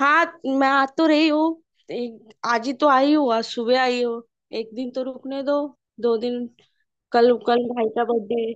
हाँ, मैं आ तो रही हूँ। आज ही तो आई हूँ। आज सुबह आई हूँ। एक दिन तो रुकने दो, दो दिन। कल कल भाई का बर्थडे है।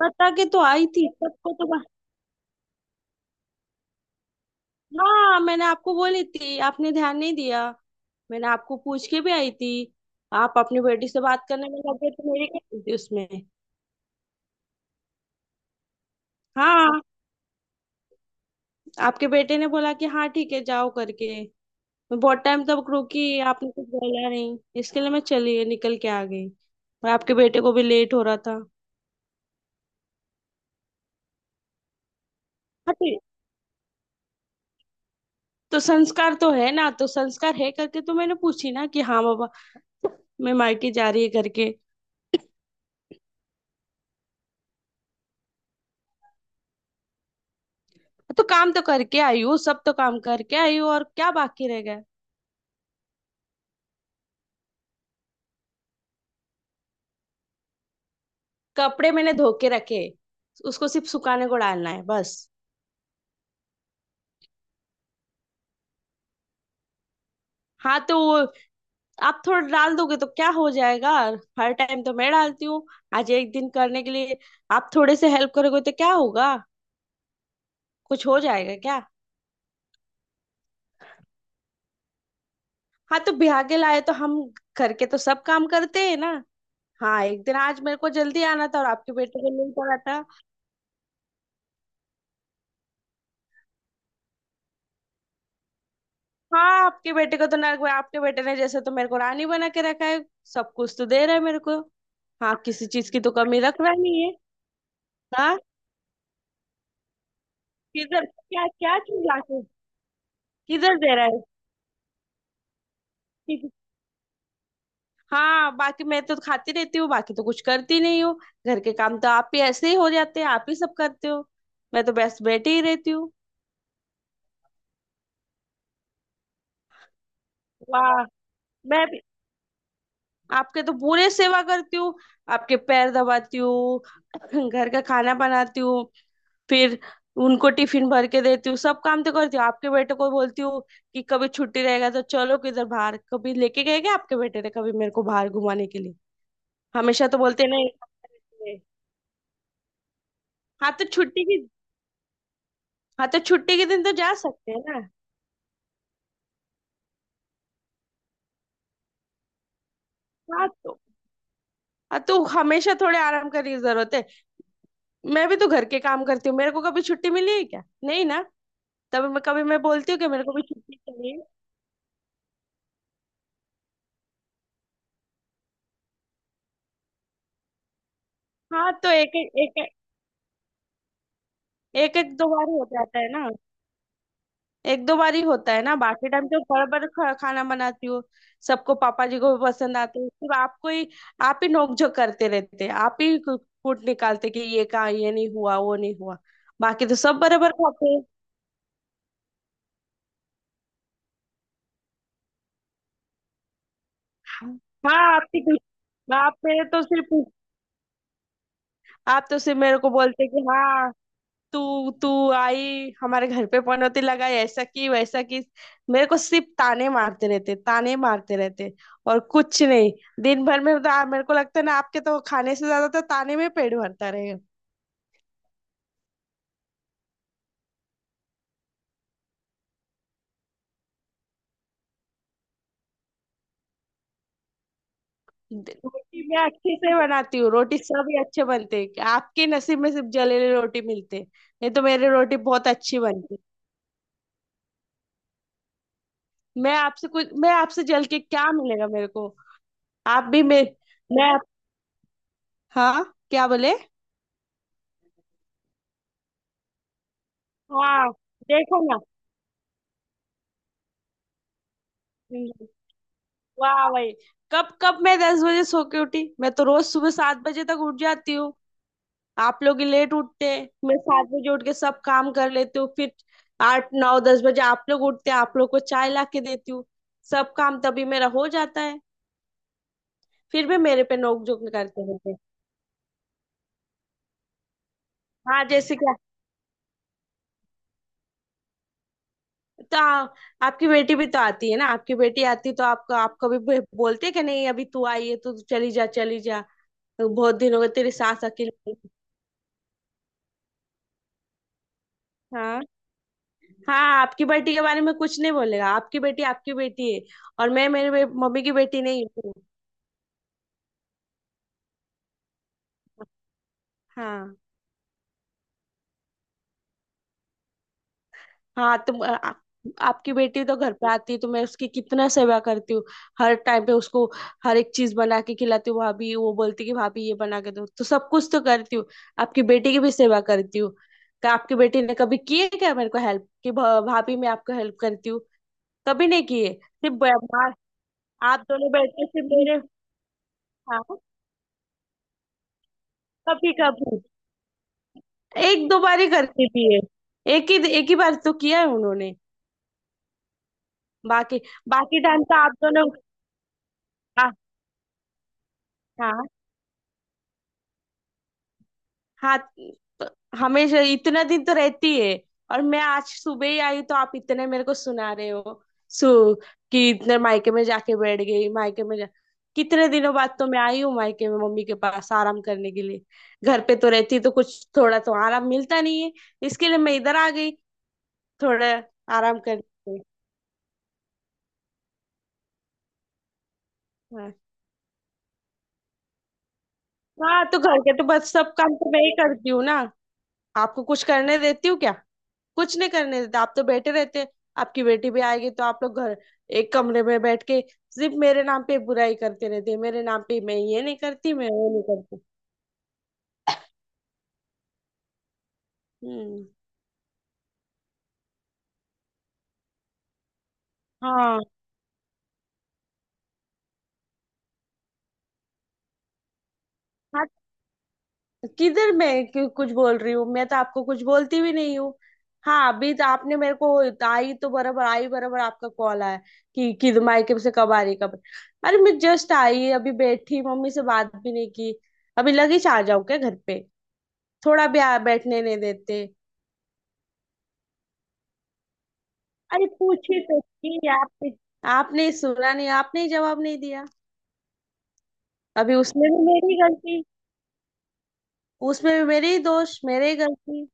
पता के तो आई थी सबको हाँ, मैंने आपको बोली थी, आपने ध्यान नहीं दिया। मैंने आपको पूछ के भी आई थी। आप अपनी बेटी से बात करने में लगे, तो मेरी क्या गलती उसमें। हाँ, आपके बेटे ने बोला कि हाँ ठीक है जाओ करके। मैं बहुत टाइम तक रुकी, आपने कुछ बोला नहीं। इसके लिए मैं चली निकल के आ गई। और आपके बेटे को भी लेट हो रहा था। तो संस्कार तो है ना, तो संस्कार है करके तो मैंने पूछी ना कि हाँ बाबा, मैं मायके जा रही है करके। तो काम तो करके आई हूँ सब। तो काम करके आई हूँ, और क्या बाकी रह गया। कपड़े मैंने धो के रखे, उसको सिर्फ सुखाने को डालना है बस। हाँ तो वो, आप थोड़ा डाल दोगे तो क्या हो जाएगा। हर टाइम तो मैं डालती हूँ। आज एक दिन करने के लिए आप थोड़े से हेल्प करोगे तो क्या होगा, कुछ हो जाएगा क्या। हाँ तो ब्याह के लाए तो हम घर के तो सब काम करते हैं ना। हाँ, एक दिन आज मेरे को जल्दी आना था और आपके बेटे को नहीं पड़ा था। हाँ, आपके बेटे को तो नर्क, आपके बेटे ने जैसे तो मेरे को रानी बना के रखा है। सब कुछ तो दे रहा है मेरे को। हाँ, किसी चीज की तो कमी रख रहा नहीं है। हाँ, किधर क्या क्या चीज लाके, किधर दे रहा है। किस- हाँ, बाकी मैं तो खाती रहती हूँ, बाकी तो कुछ करती नहीं हूँ। घर के काम तो आप ही ऐसे ही हो जाते हैं, आप ही सब करते हो, मैं तो बस बैठी ही रहती हूँ। वाह। मैं आपके तो पूरे सेवा करती हूँ, आपके पैर दबाती हूँ, घर का खाना बनाती हूँ। फिर उनको टिफिन भर के देती हूँ। सब काम तो करती हूँ। आपके बेटे को बोलती हूँ कि कभी छुट्टी रहेगा तो चलो किधर बाहर। कभी लेके गए क्या आपके बेटे ने कभी मेरे को बाहर घुमाने के लिए। हमेशा तो बोलते नहीं। हाँ तो छुट्टी की, हाँ तो छुट्टी के दिन तो जा सकते हैं ना। हाँ तो, हाँ तो हमेशा थोड़े आराम करने की जरूरत है। मैं भी तो घर के काम करती हूँ, मेरे को कभी छुट्टी मिली है क्या, नहीं ना। तब मैं कभी मैं बोलती हूँ कि मेरे को भी छुट्टी चाहिए। हाँ तो एक एक एक एक एक दो बार ही हो जाता है ना। एक दो बार ही होता है ना, बाकी टाइम तो भर भर खा, खाना बनाती हूँ। सबको, पापा जी को भी पसंद आते हैं, सिर्फ आपको ही। आप ही नोकझोंक करते रहते हैं, आप ही कूट निकालते कि ये कहा, ये नहीं हुआ, वो नहीं हुआ। बाकी तो सब बराबर खाते हैं। हाँ, आपकी, आप मेरे तो सिर्फ, आप तो सिर्फ मेरे को बोलते कि हाँ तू तू आई हमारे घर पे, पनौती लगाई, ऐसा की वैसा की। मेरे को सिर्फ ताने मारते रहते, ताने मारते रहते, और कुछ नहीं। दिन भर में तो मेरे को लगता है ना, आपके तो खाने से ज्यादा तो ताने में पेट भरता रहेगा। रोटी मैं अच्छे से बनाती हूँ, रोटी सब ही अच्छे बनते हैं। आपके नसीब में सिर्फ जलेले रोटी मिलते हैं। नहीं तो मेरी रोटी बहुत अच्छी बनती। मैं आपसे जल के क्या मिलेगा मेरे को। आप भी मेरे, मैं, हाँ, क्या बोले। हाँ देखो ना, वाह भाई, कब कब मैं दस बजे सो के उठी। मैं तो रोज सुबह सात बजे तक उठ जाती हूँ। आप लोग ही लेट उठते हैं। मैं सात बजे उठ के सब काम कर लेती हूँ। फिर आठ, नौ, दस बजे आप लोग उठते हैं, आप लोग को चाय ला के देती हूँ। सब काम तभी मेरा हो जाता है। फिर भी मेरे पे नोक झोंक करते रहते हैं। हाँ, जैसे क्या। तो आ, आपकी बेटी भी तो आती है ना। आपकी बेटी आती तो आपको, आपको भी बोलते हैं कि नहीं, अभी तू आई है तो तू चली जा, चली जा, तो बहुत दिन हो गए तेरी सास अकेली। हाँ, हाँ, आपकी बेटी के बारे में कुछ नहीं बोलेगा, आपकी बेटी है, और मैं मम्मी की बेटी नहीं हूँ। हाँ, हाँ तुम आ, आ- आपकी बेटी तो घर पे आती है तो मैं उसकी कितना सेवा करती हूँ। हर टाइम पे उसको हर एक चीज बना के खिलाती हूँ। भाभी वो बोलती कि भाभी ये बना के दो, तो सब कुछ तो करती हूँ। आपकी बेटी की भी सेवा करती हूँ। क्या आपकी बेटी ने कभी की है क्या मेरे को हेल्प कि भाभी मैं आपको हेल्प करती हूँ। कभी नहीं की है, सिर्फ आप दोनों बैठ के सिर्फ मेरे। हाँ, कभी कभी एक दो बार ही करती थी ये। एक ही बार तो किया है उन्होंने। बाकी, बाकी टाइम तो आप दोनों। आ- हाँ, हाँ तो हमेशा इतना दिन तो रहती है, और मैं आज सुबह ही आई तो आप इतने मेरे को सुना रहे हो। सु कि इतने मायके में जाके बैठ गई, मायके में जा। कितने दिनों बाद तो मैं आई हूँ मायके में मम्मी के पास आराम करने के लिए। घर पे तो रहती तो कुछ थोड़ा तो आराम मिलता नहीं है। इसके लिए मैं इधर आ गई, थोड़ा आराम करने के लिए। हाँ, हाँ तो घर के तो बस सब काम तो मैं ही करती हूँ ना। आपको कुछ करने देती हूँ क्या, कुछ नहीं करने देते, आप तो बैठे रहते हैं। आपकी बेटी भी आएगी तो आप लोग घर एक कमरे में बैठ के सिर्फ मेरे नाम पे बुराई करते रहते हैं, मेरे नाम पे, मैं ये नहीं करती, मैं वो नहीं करती। हम्म। हाँ, किधर, मैं क्यों कुछ बोल रही हूँ, मैं तो आपको कुछ बोलती भी नहीं हूँ। हाँ, अभी तो आपने मेरे को, आई तो बराबर आई, बराबर आपका कॉल आया कि मायके से कब आ रही कब। अरे मैं जस्ट आई, अभी बैठी, मम्मी से बात भी नहीं की। अभी लगे आ जाऊं क्या घर पे। बैठने नहीं देते। अरे पूछी तो थी, आपने, आपने सुना नहीं, आपने ही जवाब नहीं दिया। अभी उसमें भी मेरी गलती, उसमें भी मेरी दोष, मेरे ही गलती।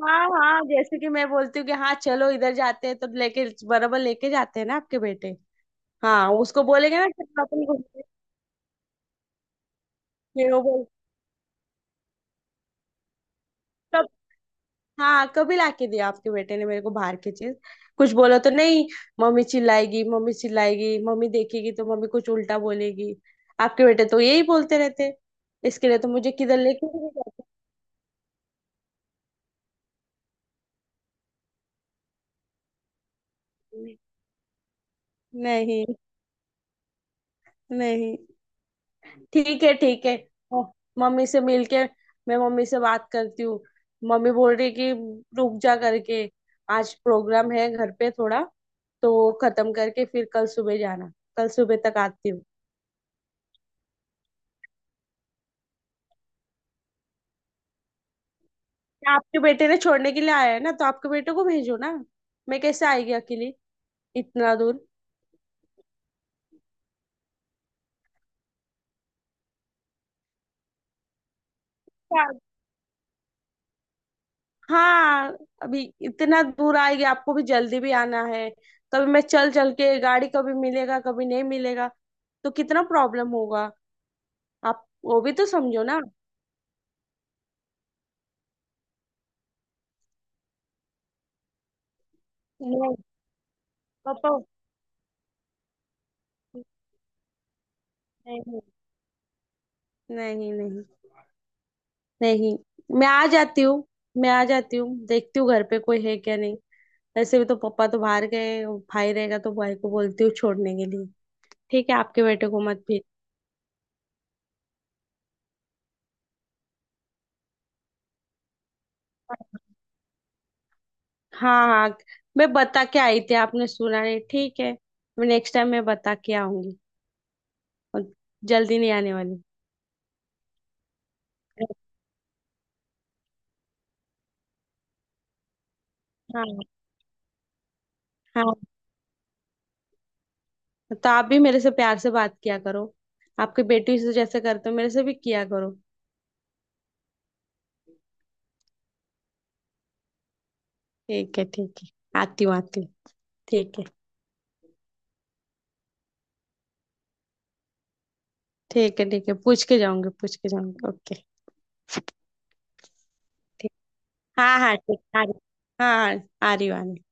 हाँ, हाँ जैसे कि मैं बोलती हूँ कि हाँ चलो इधर जाते हैं तो लेके बराबर लेके जाते हैं ना आपके बेटे। हाँ, उसको बोलेंगे ना चलो अपन घूमते हैं। फिर वो बोल, कब, हाँ कभी लाके दिया आपके बेटे ने मेरे को बाहर की चीज। कुछ बोलो तो नहीं, मम्मी चिल्लाएगी, मम्मी देखेगी तो मम्मी कुछ उल्टा बोलेगी, आपके बेटे तो यही बोलते रहते हैं। इसके लिए तो मुझे किधर लेके भी नहीं जाते। नहीं, नहीं, ठीक है, ठीक है। ओ, मम्मी से मिलके मैं मम्मी से बात करती हूँ। मम्मी बोल रही है कि रुक जा करके, आज प्रोग्राम है घर पे थोड़ा, तो खत्म करके फिर कल सुबह जाना। कल सुबह तक आती हूँ। आपके बेटे ने छोड़ने के लिए आया है ना, तो आपके बेटे को भेजो ना, मैं कैसे आएगी अकेली, इतना दूर। क्या? हाँ, अभी इतना दूर आएगी, आपको भी जल्दी भी आना है। कभी मैं चल चल के गाड़ी कभी मिलेगा कभी नहीं मिलेगा, तो कितना प्रॉब्लम होगा। आप वो भी तो समझो ना। नहीं, पापा, नहीं, नहीं, नहीं। नहीं, मैं आ जाती हूँ, मैं आ जाती हूँ, देखती हूँ घर पे कोई है क्या नहीं। वैसे भी तो पापा तो बाहर गए, और भाई रहेगा तो भाई को बोलती हूँ छोड़ने के लिए। ठीक है, आपके बेटे को मत भेज। हाँ, हाँ, मैं बता के आई थी, आपने सुना नहीं, ठीक है, मैं नेक्स्ट टाइम मैं बता के आऊंगी, और जल्दी नहीं आने वाली। हाँ, हाँ तो आप भी मेरे से प्यार से बात किया करो, आपके बेटी से जैसे करते हो मेरे से भी किया करो। ठीक है, ठीक है, आती हूँ, आती हूँ। ठीक है, ठीक है, ठीक है, पूछ के जाऊंगी, पूछ के जाऊंगी, ओके। ठीक, हाँ हाँ ठीक, आ रही, हाँ हाँ आ रही हूँ, आ रही हूँ।